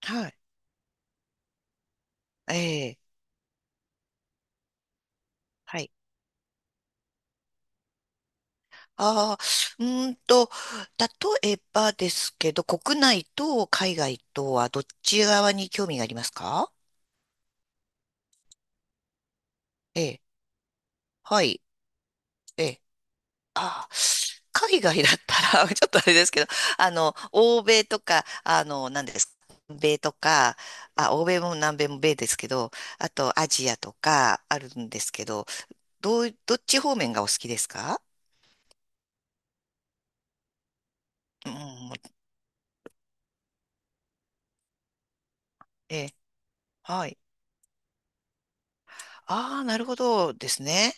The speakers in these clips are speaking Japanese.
はい。ええ、はい。ああ、うーんと、例えばですけど、国内と海外とはどっち側に興味がありますか？ええ、はい。ええ、ああ、海外だったら、ちょっとあれですけど、欧米とか、何ですか、南米とか、あ、欧米も南米も米ですけど、あとアジアとかあるんですけど、どっち方面がお好きですか？うん、ええ、はい。ああ、なるほどですね。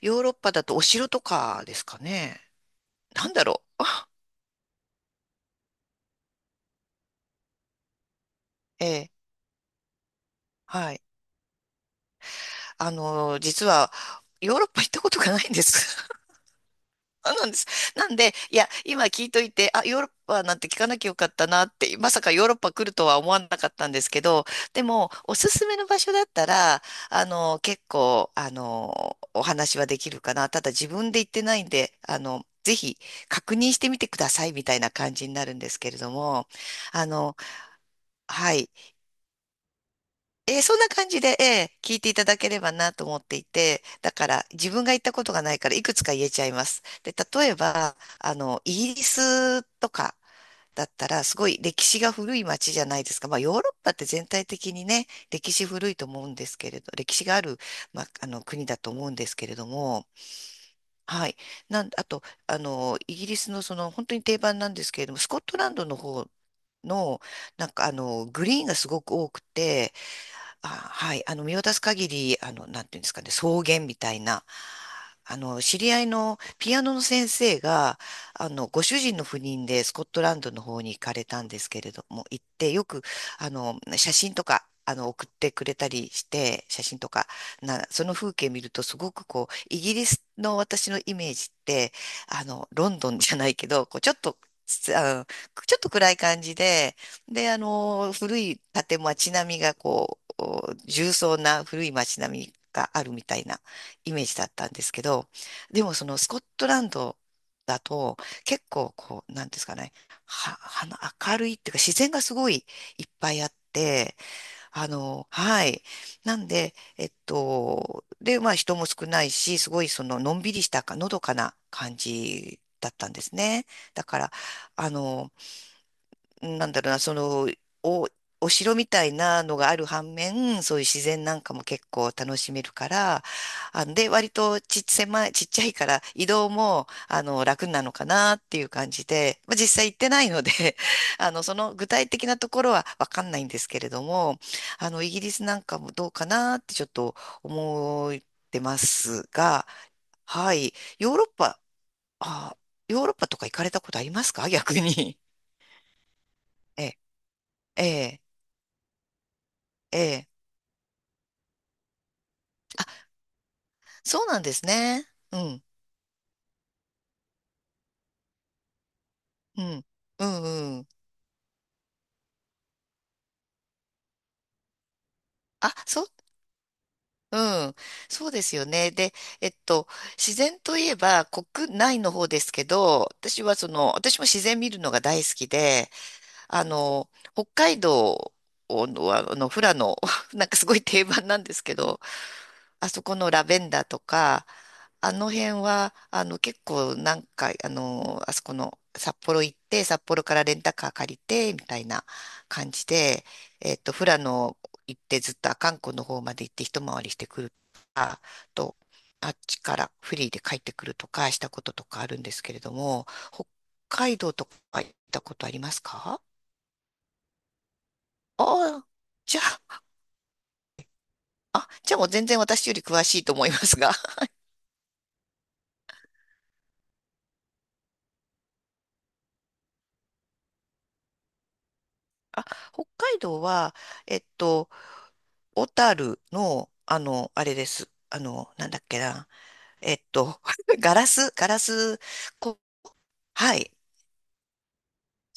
ヨーロッパだとお城とかですかね。なんだろう。ええ、はい。実は、ヨーロッパ行ったことがないんです。あなんです。なんで、いや、今聞いといて、あ、ヨーロッパなんて聞かなきゃよかったなって、まさかヨーロッパ来るとは思わなかったんですけど、でも、おすすめの場所だったら、結構、お話はできるかな。ただ自分で行ってないんで、ぜひ確認してみてくださいみたいな感じになるんですけれども、あの、はい。そんな感じで、聞いていただければなと思っていて、だから自分が行ったことがないからいくつか言えちゃいます。で、例えば、イギリスとかだったらすごい歴史が古い街じゃないですか。まあ、ヨーロッパって全体的にね、歴史古いと思うんですけれど、歴史がある、国だと思うんですけれども、はい。あと、イギリスのその本当に定番なんですけれども、スコットランドの方の、グリーンがすごく多くて、あ、はい。見渡す限り、なんていうんですかね、草原みたいな。知り合いのピアノの先生が、ご主人の赴任でスコットランドの方に行かれたんですけれども、行って、よく、あの、写真とか、送ってくれたりして、写真とか、その風景見ると、すごくこう、イギリスの私のイメージって、ロンドンじゃないけど、こう、ちょっと、つあのちょっと暗い感じで、で、古い建物、街並みがこう、お重層な古い街並みがあるみたいなイメージだったんですけど、でもそのスコットランドだと結構こう、なんですかね、は、はな明るいっていうか自然がすごいいっぱいあって、はい。なんで、で、まあ人も少ないし、すごいそののんびりしたか、のどかな感じだったんですね。だから、あの、なんだろうな、その、お、お城みたいなのがある反面、そういう自然なんかも結構楽しめるから、割とちっ、狭い、ちっちゃいから移動も、楽なのかなっていう感じで、まあ、実際行ってないので その具体的なところはわかんないんですけれども、イギリスなんかもどうかなってちょっと思ってますが、はい、ヨーロッパ、あ、ヨーロッパとか行かれたことありますか？逆に。ええ、ええ、ええ。そうなんですね。うん、うん、うん、うん。あ、そう、うん。そうですよね。で、えっと、自然といえば国内の方ですけど、私はその、私も自然見るのが大好きで、北海道の、富良野、なんかすごい定番なんですけど、あそこのラベンダーとか、あの辺は、結構何回、あの、あそこの札幌行って、札幌からレンタカー借りて、みたいな感じで、富良野行ってずっと阿寒湖の方まで行って一回りしてくると、あっちからフリーで帰ってくるとかしたこととかあるんですけれども、北海道とか行ったことありますか？ああ、じゃあ、あ、じゃあもう全然私より詳しいと思いますが、北海道は、えっと、小樽の、あれです。なんだっけな。えっと、ガラス、こ、はい。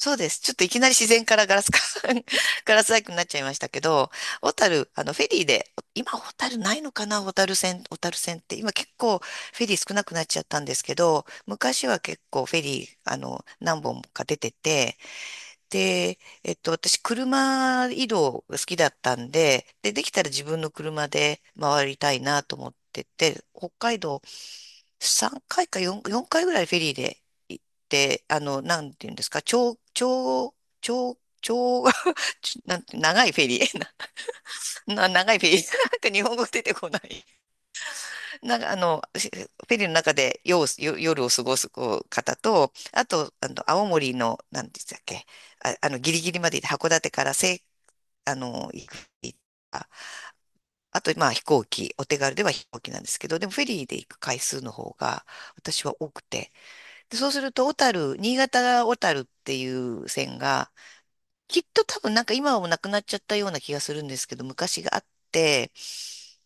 そうです。ちょっといきなり自然からガラスか ガラス細工になっちゃいましたけど、小樽、フェリーで、今小樽ないのかな小樽線、小樽線って。今結構フェリー少なくなっちゃったんですけど、昔は結構フェリー、何本か出てて、で、私、車移動が好きだったんで、で、できたら自分の車で回りたいなと思ってて、北海道3回か4、回ぐらいフェリーで行って、なんていうんですか、長、長、長、長、ちょなんて、長いフェリー、長いフェリー、なんか日本語出てこない。なんか、フェリーの中で夜を過ごすこう方と、あと、青森の、なんて言ってたっけ、ギリギリまで行って函館から青あの、行く。あと、まあ飛行機、お手軽では飛行機なんですけど、でもフェリーで行く回数の方が私は多くて。で、そうすると、小樽、新潟小樽っていう線が、きっと多分なんか今はもうなくなっちゃったような気がするんですけど、昔があって、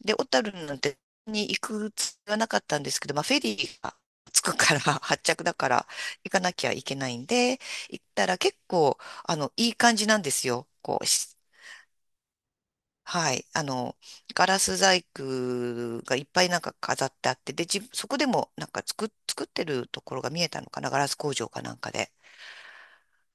で、小樽なんてに行くつもりはなかったんですけど、まあフェリーが着くから、発着だから行かなきゃいけないんで、行ったら結構、いい感じなんですよ。はい。ガラス細工がいっぱいなんか飾ってあって、で、そこでもなんか作ってるところが見えたのかな、ガラス工場かなんかで。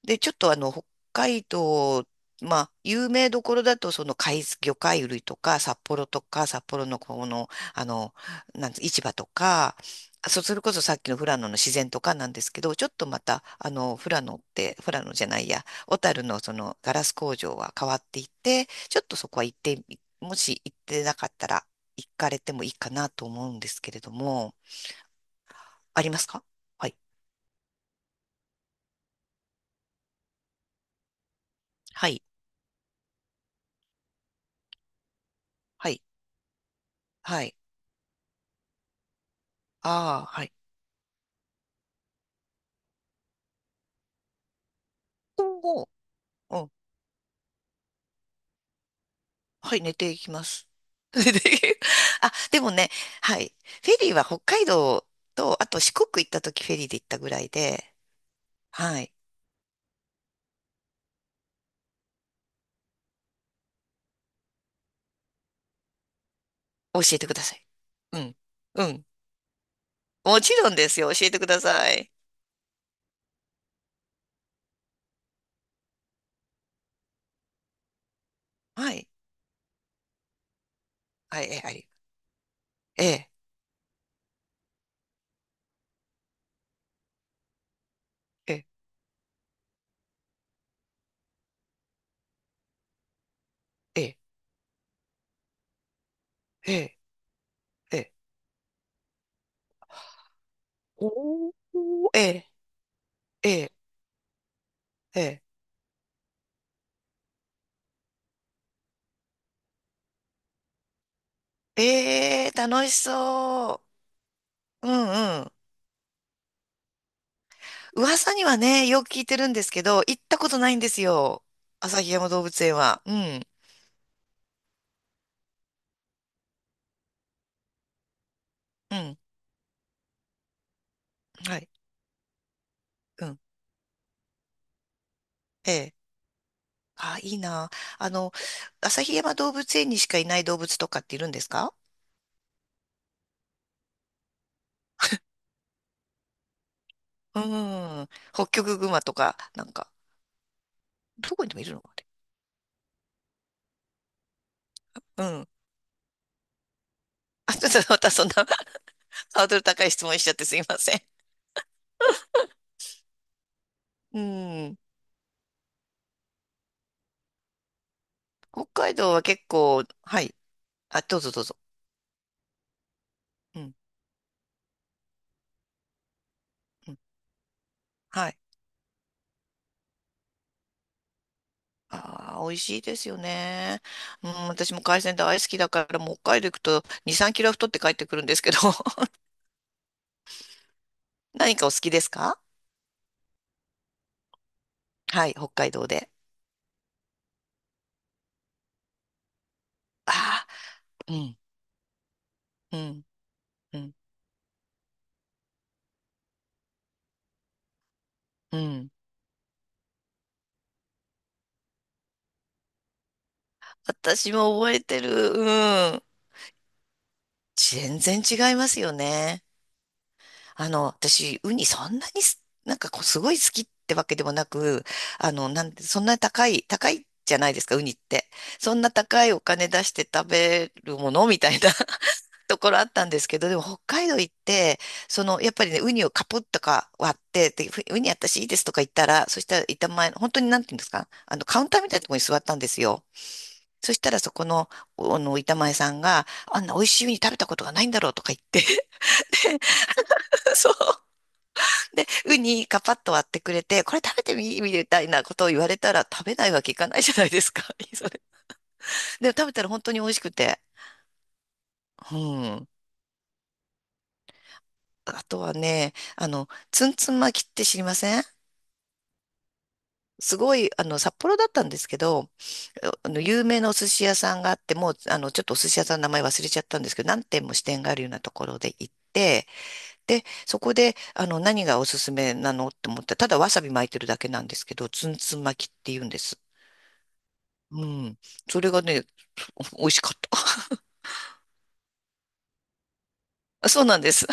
で、ちょっと北海道、まあ、有名どころだと、その海、魚介類とか、札幌とか、札幌のこの、あの、なんつ市場とか、それこそさっきの富良野の自然とかなんですけど、ちょっとまた、あの、富良野って、富良野じゃないや、小樽のそのガラス工場は変わっていて、ちょっとそこは行ってみ、もし行ってなかったら、行かれてもいいかなと思うんですけれども、ありますか？はい。はい。はい。はい。ああ、はい。今後、う、はい、寝ていきます。寝ていき、あ、でもね、はい。フェリーは北海道と、あと四国行った時フェリーで行ったぐらいで、はい。教えてください。うん。うん。もちろんですよ。教えてください。はい。はい、え、あり。え、え、え、え、ええ、ええ、ええ。おー、え、ええ、えー、ええ楽しそう。うんうん。噂にはね、よく聞いてるんですけど、行ったことないんですよ。旭山動物園は。うん。うん。はい。うん。ええ。あ、いいな。あの、旭山動物園にしかいない動物とかっているんですか？うん。ホッキョクグマとか、なんか、どこにでもいるのかね。うん。あ、ちょっとまたそんな ハードル高い質問しちゃってすいません。うん。北海道は結構、はい。あ、どうぞどうぞ。うん。うん。はい。ああ、美味しいですよね。うん、私も海鮮大好きだから、もう北海道行くと2、3キロは太って帰ってくるんですけど、何かお好きですか？はい、北海道で。ああ。うん、うん、うん、うん。私も覚えてる。うん。全然違いますよね。私、ウニそんなにす、なんかこう、すごい好きってわけでもなく、あの、なんて、そんな高い、高いじゃないですか、ウニって。そんな高いお金出して食べるものみたいな ところあったんですけど、でも北海道行って、その、やっぱりね、ウニをカポッとか割って、で、ウニ私いいですとか言ったら、そしたら板前の、本当になんていうんですか、カウンターみたいなところに座ったんですよ。そしたらそこの、板前さんが、あんな美味しいウニ食べたことがないんだろうとか言って、そう。で、ウニカパッと割ってくれて、これ食べてみ、みたいなことを言われたら食べないわけいかないじゃないですか。それでも食べたら本当に美味しくて。うん。あとはね、ツンツン巻きって知りません？すごい、札幌だったんですけど、有名なお寿司屋さんがあって、もう、ちょっとお寿司屋さんの名前忘れちゃったんですけど、何店も支店があるようなところで行って、で、そこで、何がおすすめなのって思ったら、ただわさび巻いてるだけなんですけど、ツンツン巻きって言うんです。うん。それがね、美味しかった。そうなんです。